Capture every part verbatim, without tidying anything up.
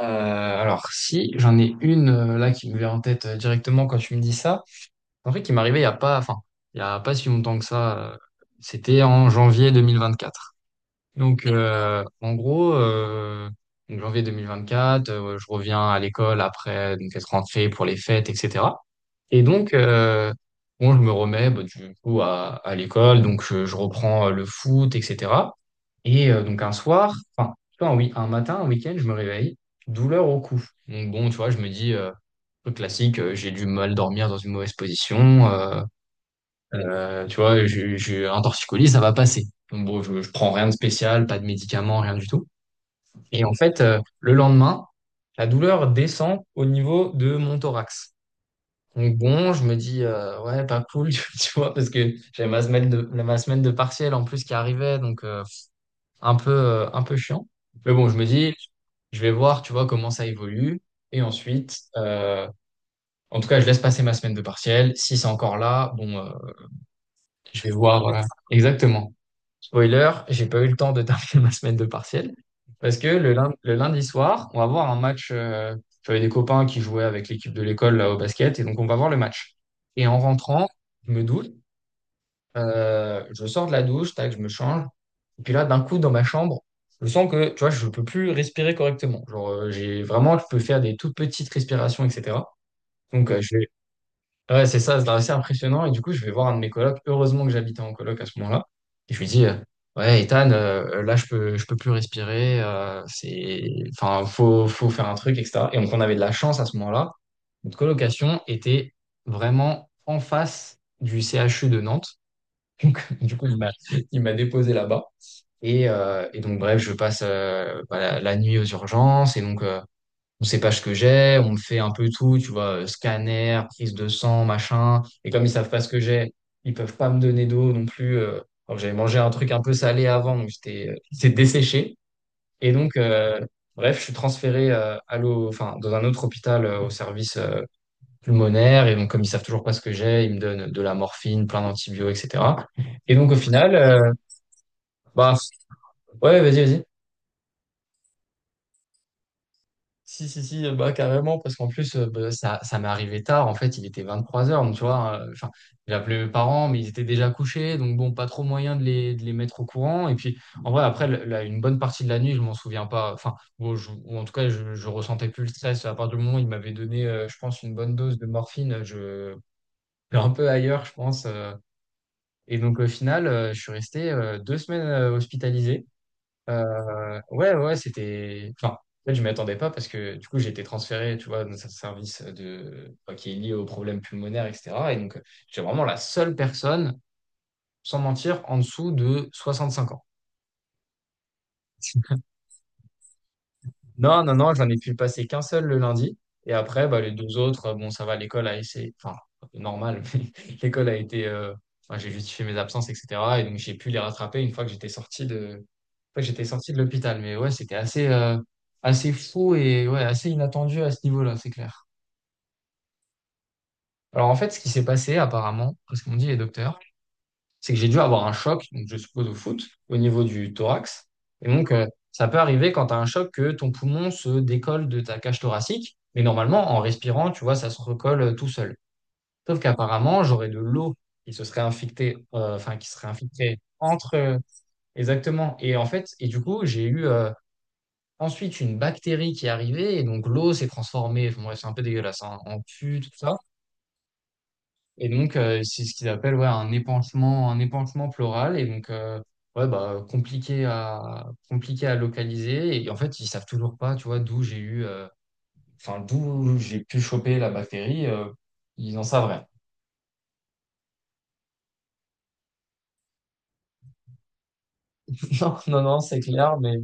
Euh, alors si, j'en ai une euh, là qui me vient en tête euh, directement quand tu me dis ça. En fait, qui m'arrivait il y a pas, enfin, il y a pas si longtemps que ça. Euh, c'était en janvier deux mille vingt-quatre. Donc euh, en gros, euh, donc janvier deux mille vingt-quatre, euh, je reviens à l'école après donc être rentré pour les fêtes, et cetera. Et donc euh, bon, je me remets bah, du coup à, à l'école, donc je, je reprends euh, le foot, et cetera. Et euh, donc un soir, enfin, tu vois, un, oui, un matin, un week-end, je me réveille, douleur au cou. Donc bon, tu vois, je me dis, euh, truc classique, euh, j'ai du mal dormir dans une mauvaise position, euh, euh, tu vois, j'ai j'ai un torticolis, ça va passer. Donc bon, je, je prends rien de spécial, pas de médicaments, rien du tout. Et en fait, euh, le lendemain, la douleur descend au niveau de mon thorax. Donc bon, je me dis, euh, ouais, pas cool, tu vois, parce que j'avais ma semaine de, ma semaine de partiel en plus qui arrivait, donc euh, un peu, euh, un peu chiant. Mais bon, je me dis, je vais voir, tu vois, comment ça évolue. Et ensuite, euh, en tout cas, je laisse passer ma semaine de partiel. Si c'est encore là, bon, euh, je vais voir. Euh, exactement. Spoiler, j'ai pas eu le temps de terminer ma semaine de partiel. Parce que le lundi, le lundi soir, on va voir un match. Euh, j'avais des copains qui jouaient avec l'équipe de l'école là, au basket. Et donc, on va voir le match. Et en rentrant, je me doute. Euh, je sors de la douche, tac, je me change. Et puis là, d'un coup, dans ma chambre, je sens que, tu vois, je peux plus respirer correctement. Genre, euh, j'ai vraiment, je peux faire des toutes petites respirations, et cetera. Donc, euh, je vais. Ouais, c'est ça, c'est assez impressionnant. Et du coup, je vais voir un de mes colocs. Heureusement que j'habitais en coloc à ce moment-là. Et je lui dis, euh, ouais, Ethan, euh, là, je peux, je peux plus respirer. Euh, c'est, enfin, faut, faut faire un truc, et cetera. Et donc, on avait de la chance à ce moment-là. Notre colocation était vraiment en face du C H U de Nantes. Du coup, il m'a, il m'a déposé là-bas. Et, euh, et donc, bref, je passe euh, bah, la, la nuit aux urgences. Et donc, euh, on sait pas ce que j'ai. On me fait un peu tout, tu vois, euh, scanner, prise de sang, machin. Et comme ils savent pas ce que j'ai, ils peuvent pas me donner d'eau non plus. euh. Alors, j'avais mangé un truc un peu salé avant, donc j'étais, euh, j'étais desséché. Et donc, euh, bref, je suis transféré euh, à l'eau, enfin, dans un autre hôpital euh, au service euh, pulmonaire. Et donc, comme ils savent toujours pas ce que j'ai, ils me donnent de la morphine, plein d'antibiotiques, et cetera. Et donc, au final, euh, bah, ouais, vas-y, vas-y. Si, si, si, euh, bah, carrément, parce qu'en plus, euh, bah, ça, ça m'est arrivé tard. En fait, il était vingt-trois heures, donc tu vois. euh, Enfin, j'ai appelé mes parents, mais ils étaient déjà couchés, donc bon, pas trop moyen de les, de les mettre au courant. Et puis, en vrai, après, le- la- une bonne partie de la nuit, je m'en souviens pas. Enfin, bon, je- ou en tout cas, je, je ressentais plus le stress. À partir du moment où ils m'avaient donné, euh, je pense, une bonne dose de morphine, je j'étais un peu ailleurs, je pense. euh. Et donc, au final, euh, je suis resté euh, deux semaines euh, hospitalisé. euh, Ouais, ouais, ouais, c'était. Enfin, en fait, je m'y attendais pas parce que du coup, j'ai été transféré, tu vois, dans un service de. Enfin, qui est lié aux problèmes pulmonaires, et cetera. Et donc, j'étais vraiment la seule personne, sans mentir, en dessous de soixante cinq ans. Non, non, non, j'en ai pu passer qu'un seul le lundi. Et après, bah, les deux autres, euh, bon, ça va, l'école a essayé, enfin, normal, mais l'école a été, euh, enfin, j'ai justifié mes absences, et cetera. Et donc, j'ai pu les rattraper une fois que j'étais sorti de, une fois que j'étais sorti de l'hôpital. Mais ouais, c'était assez, euh, assez fou et ouais, assez inattendu à ce niveau-là, c'est clair. Alors, en fait, ce qui s'est passé, apparemment, parce qu'on dit les docteurs, c'est que j'ai dû avoir un choc, donc je suppose au foot, au niveau du thorax. Et donc, euh, ça peut arriver quand tu as un choc que ton poumon se décolle de ta cage thoracique, mais normalement, en respirant, tu vois, ça se recolle euh, tout seul. Sauf qu'apparemment, j'aurais de l'eau qui se serait infectée, euh, enfin, qui serait infiltrée entre. Euh, exactement. Et en fait, et du coup, j'ai eu euh, ensuite une bactérie qui est arrivée, et donc l'eau s'est transformée, enfin, bref, c'est un peu dégueulasse, hein, en pus, tout ça. Et donc, euh, c'est ce qu'ils appellent ouais, un épanchement, un épanchement pleural. Et donc, euh, ouais, bah, compliqué à, compliqué à localiser. Et en fait, ils savent toujours pas, tu vois, d'où j'ai eu, euh, enfin, d'où j'ai pu choper la bactérie. Euh, ils en savent rien. Non, non, non, c'est clair, mais,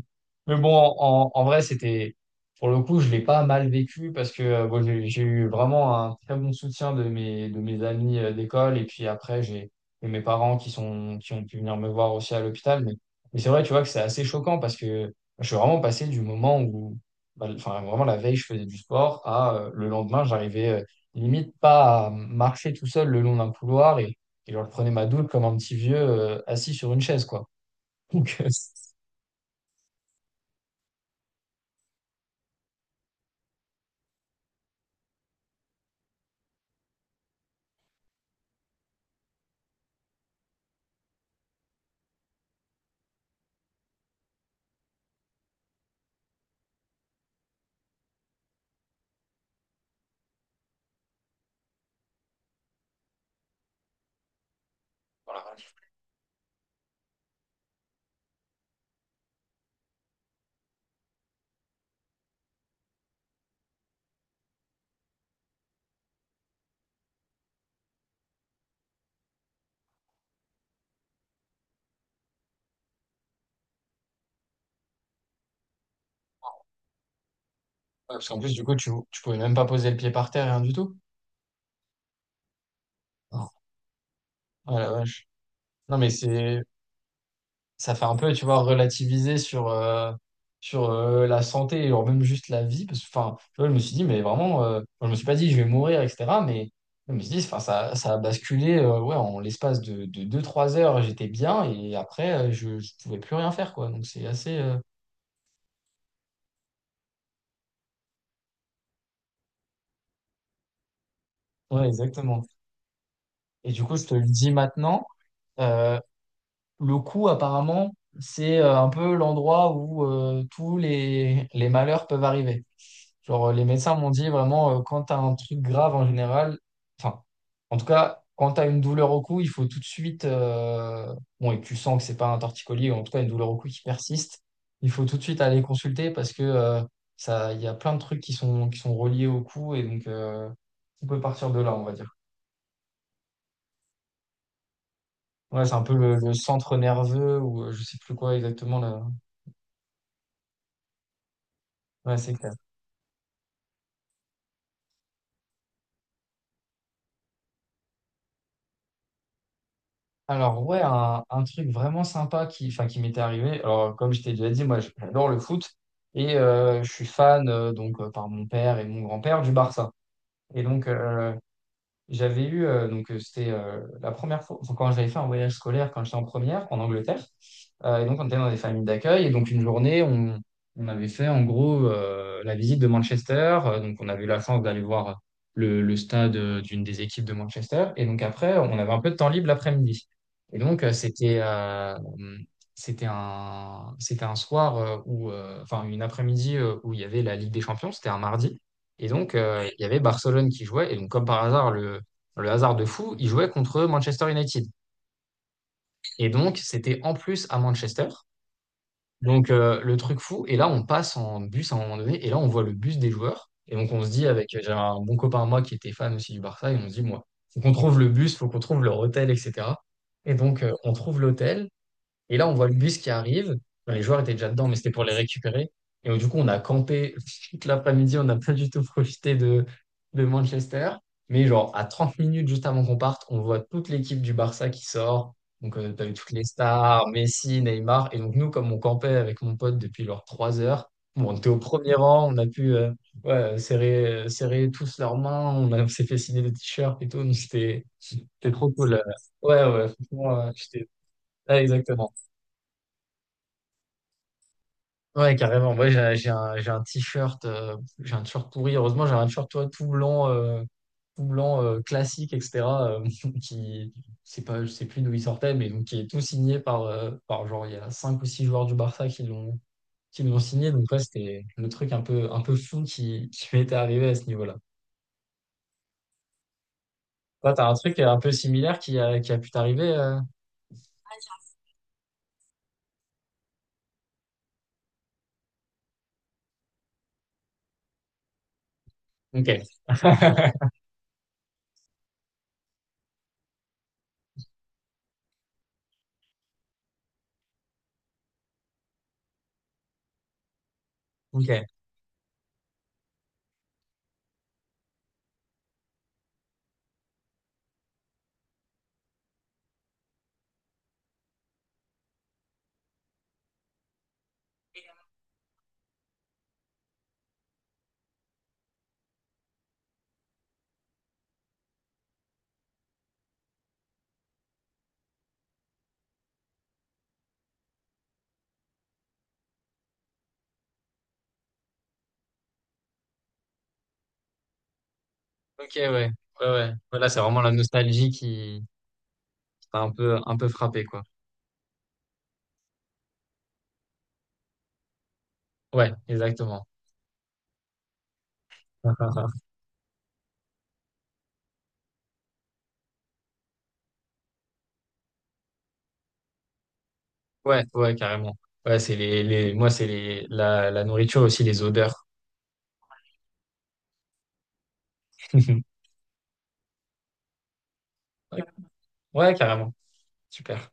mais bon, en, en, vrai, c'était, pour le coup, je l'ai pas mal vécu parce que euh, bon, j'ai j'ai eu vraiment un très bon soutien de mes, de mes amis euh, d'école et puis après, j'ai et mes parents qui sont, qui ont pu venir me voir aussi à l'hôpital. Mais, mais c'est vrai, tu vois, que c'est assez choquant parce que je suis vraiment passé du moment où, bah, enfin, vraiment la veille, je faisais du sport à euh, le lendemain, j'arrivais euh, limite pas à marcher tout seul le long d'un couloir et, et genre, je prenais ma douche comme un petit vieux euh, assis sur une chaise, quoi. Donc, euh, oh la vache. Ah, parce qu'en plus, du coup, tu, tu pouvais même pas poser le pied par terre, rien du tout. Oh, oh la vache. Non, mais c'est, ça fait un peu, tu vois, relativiser sur, euh, sur euh, la santé, et même juste la vie. Parce que, enfin, tu vois, je me suis dit, mais vraiment, euh, enfin, je me suis pas dit, je vais mourir, et cetera. Mais je me suis dit, enfin, ça, ça a basculé, euh, ouais, en l'espace de, de deux trois heures, j'étais bien, et après, euh, je, je pouvais plus rien faire, quoi. Donc, c'est assez, euh, ouais, exactement. Et du coup, je te le dis maintenant. euh, Le cou, apparemment, c'est euh, un peu l'endroit où euh, tous les, les malheurs peuvent arriver. Genre, euh, les médecins m'ont dit vraiment, euh, quand tu as un truc grave en général, enfin, en tout cas, quand tu as une douleur au cou, il faut tout de suite, euh, bon, et que tu sens que c'est pas un torticolis, ou en tout cas une douleur au cou qui persiste, il faut tout de suite aller consulter parce que euh, ça, il y a plein de trucs qui sont, qui sont reliés au cou et donc euh, on peut partir de là, on va dire. Ouais, c'est un peu le, le centre nerveux ou euh, je sais plus quoi exactement là. Ouais, c'est clair. Alors ouais, un, un truc vraiment sympa qui, enfin, qui m'était arrivé. Alors comme je t'ai déjà dit, moi je- j'adore le foot et euh, je suis fan euh, donc euh, par mon père et mon grand-père du Barça. Et donc euh, j'avais eu, euh, donc euh, c'était euh, la première fois, enfin, quand j'avais fait un voyage scolaire quand j'étais en première en Angleterre. Euh, et donc on était dans des familles d'accueil. Et donc une journée, on, on avait fait en gros euh, la visite de Manchester. Euh, donc on avait eu la chance d'aller voir le, le stade euh, d'une des équipes de Manchester. Et donc après, on avait un peu de temps libre l'après-midi. Et donc euh, c'était euh, c'était un, c'était un soir euh, où, euh, enfin une après-midi euh, où il y avait la Ligue des Champions. C'était un mardi. Et donc, euh, il y avait Barcelone qui jouait. Et donc, comme par hasard, le, le hasard de fou, il jouait contre Manchester United. Et donc, c'était en plus à Manchester. Donc, euh, le truc fou. Et là, on passe en bus à un moment donné. Et là, on voit le bus des joueurs. Et donc, on se dit, avec j'ai un bon copain à moi qui était fan aussi du Barça, et on se dit, moi, faut qu'on trouve le bus, faut qu'on trouve leur hôtel, et cetera. Et donc, euh, on trouve l'hôtel. Et là, on voit le bus qui arrive. Enfin, les joueurs étaient déjà dedans, mais c'était pour les récupérer. Et donc, du coup, on a campé toute l'après-midi. On n'a pas du tout profité de, de Manchester. Mais genre, à trente minutes juste avant qu'on parte, on voit toute l'équipe du Barça qui sort. Donc, euh, t'as eu toutes les stars, Messi, Neymar. Et donc, nous, comme on campait avec mon pote depuis genre trois heures, bon, on était au premier rang. On a pu euh, ouais, serrer, euh, serrer tous leurs mains. On, a- on s'est fait signer des t-shirts et tout. Donc, c'était c'était trop cool. euh. Ouais, ouais, franchement, euh, j'étais. Ouais, exactement. Ouais, carrément. Moi, j'ai j'ai un, j'ai un t-shirt, euh, j'ai un t-shirt pourri. Heureusement, j'ai un t-shirt toi, tout blanc, euh, tout blanc euh, classique, et cetera euh, qui, c'est pas, je sais plus d'où il sortait, mais donc qui est tout signé par, euh, par genre il y a cinq ou six joueurs du Barça qui l'ont, qui l'ont signé. Donc ouais, c'était le truc un peu, un peu fou qui, qui m'était arrivé à ce niveau-là. Toi, t'as un truc euh, un peu similaire qui a, qui a pu t'arriver. euh Ok, ok, ok, ouais, ouais, ouais. Voilà, c'est vraiment la nostalgie qui, qui t'a un peu, un peu frappé, quoi. Ouais, exactement. Ah, ah, ah. Ouais, ouais, carrément. Ouais, c'est les, les, moi, c'est les, la, la nourriture aussi, les odeurs. Ouais, ouais, carrément. Super.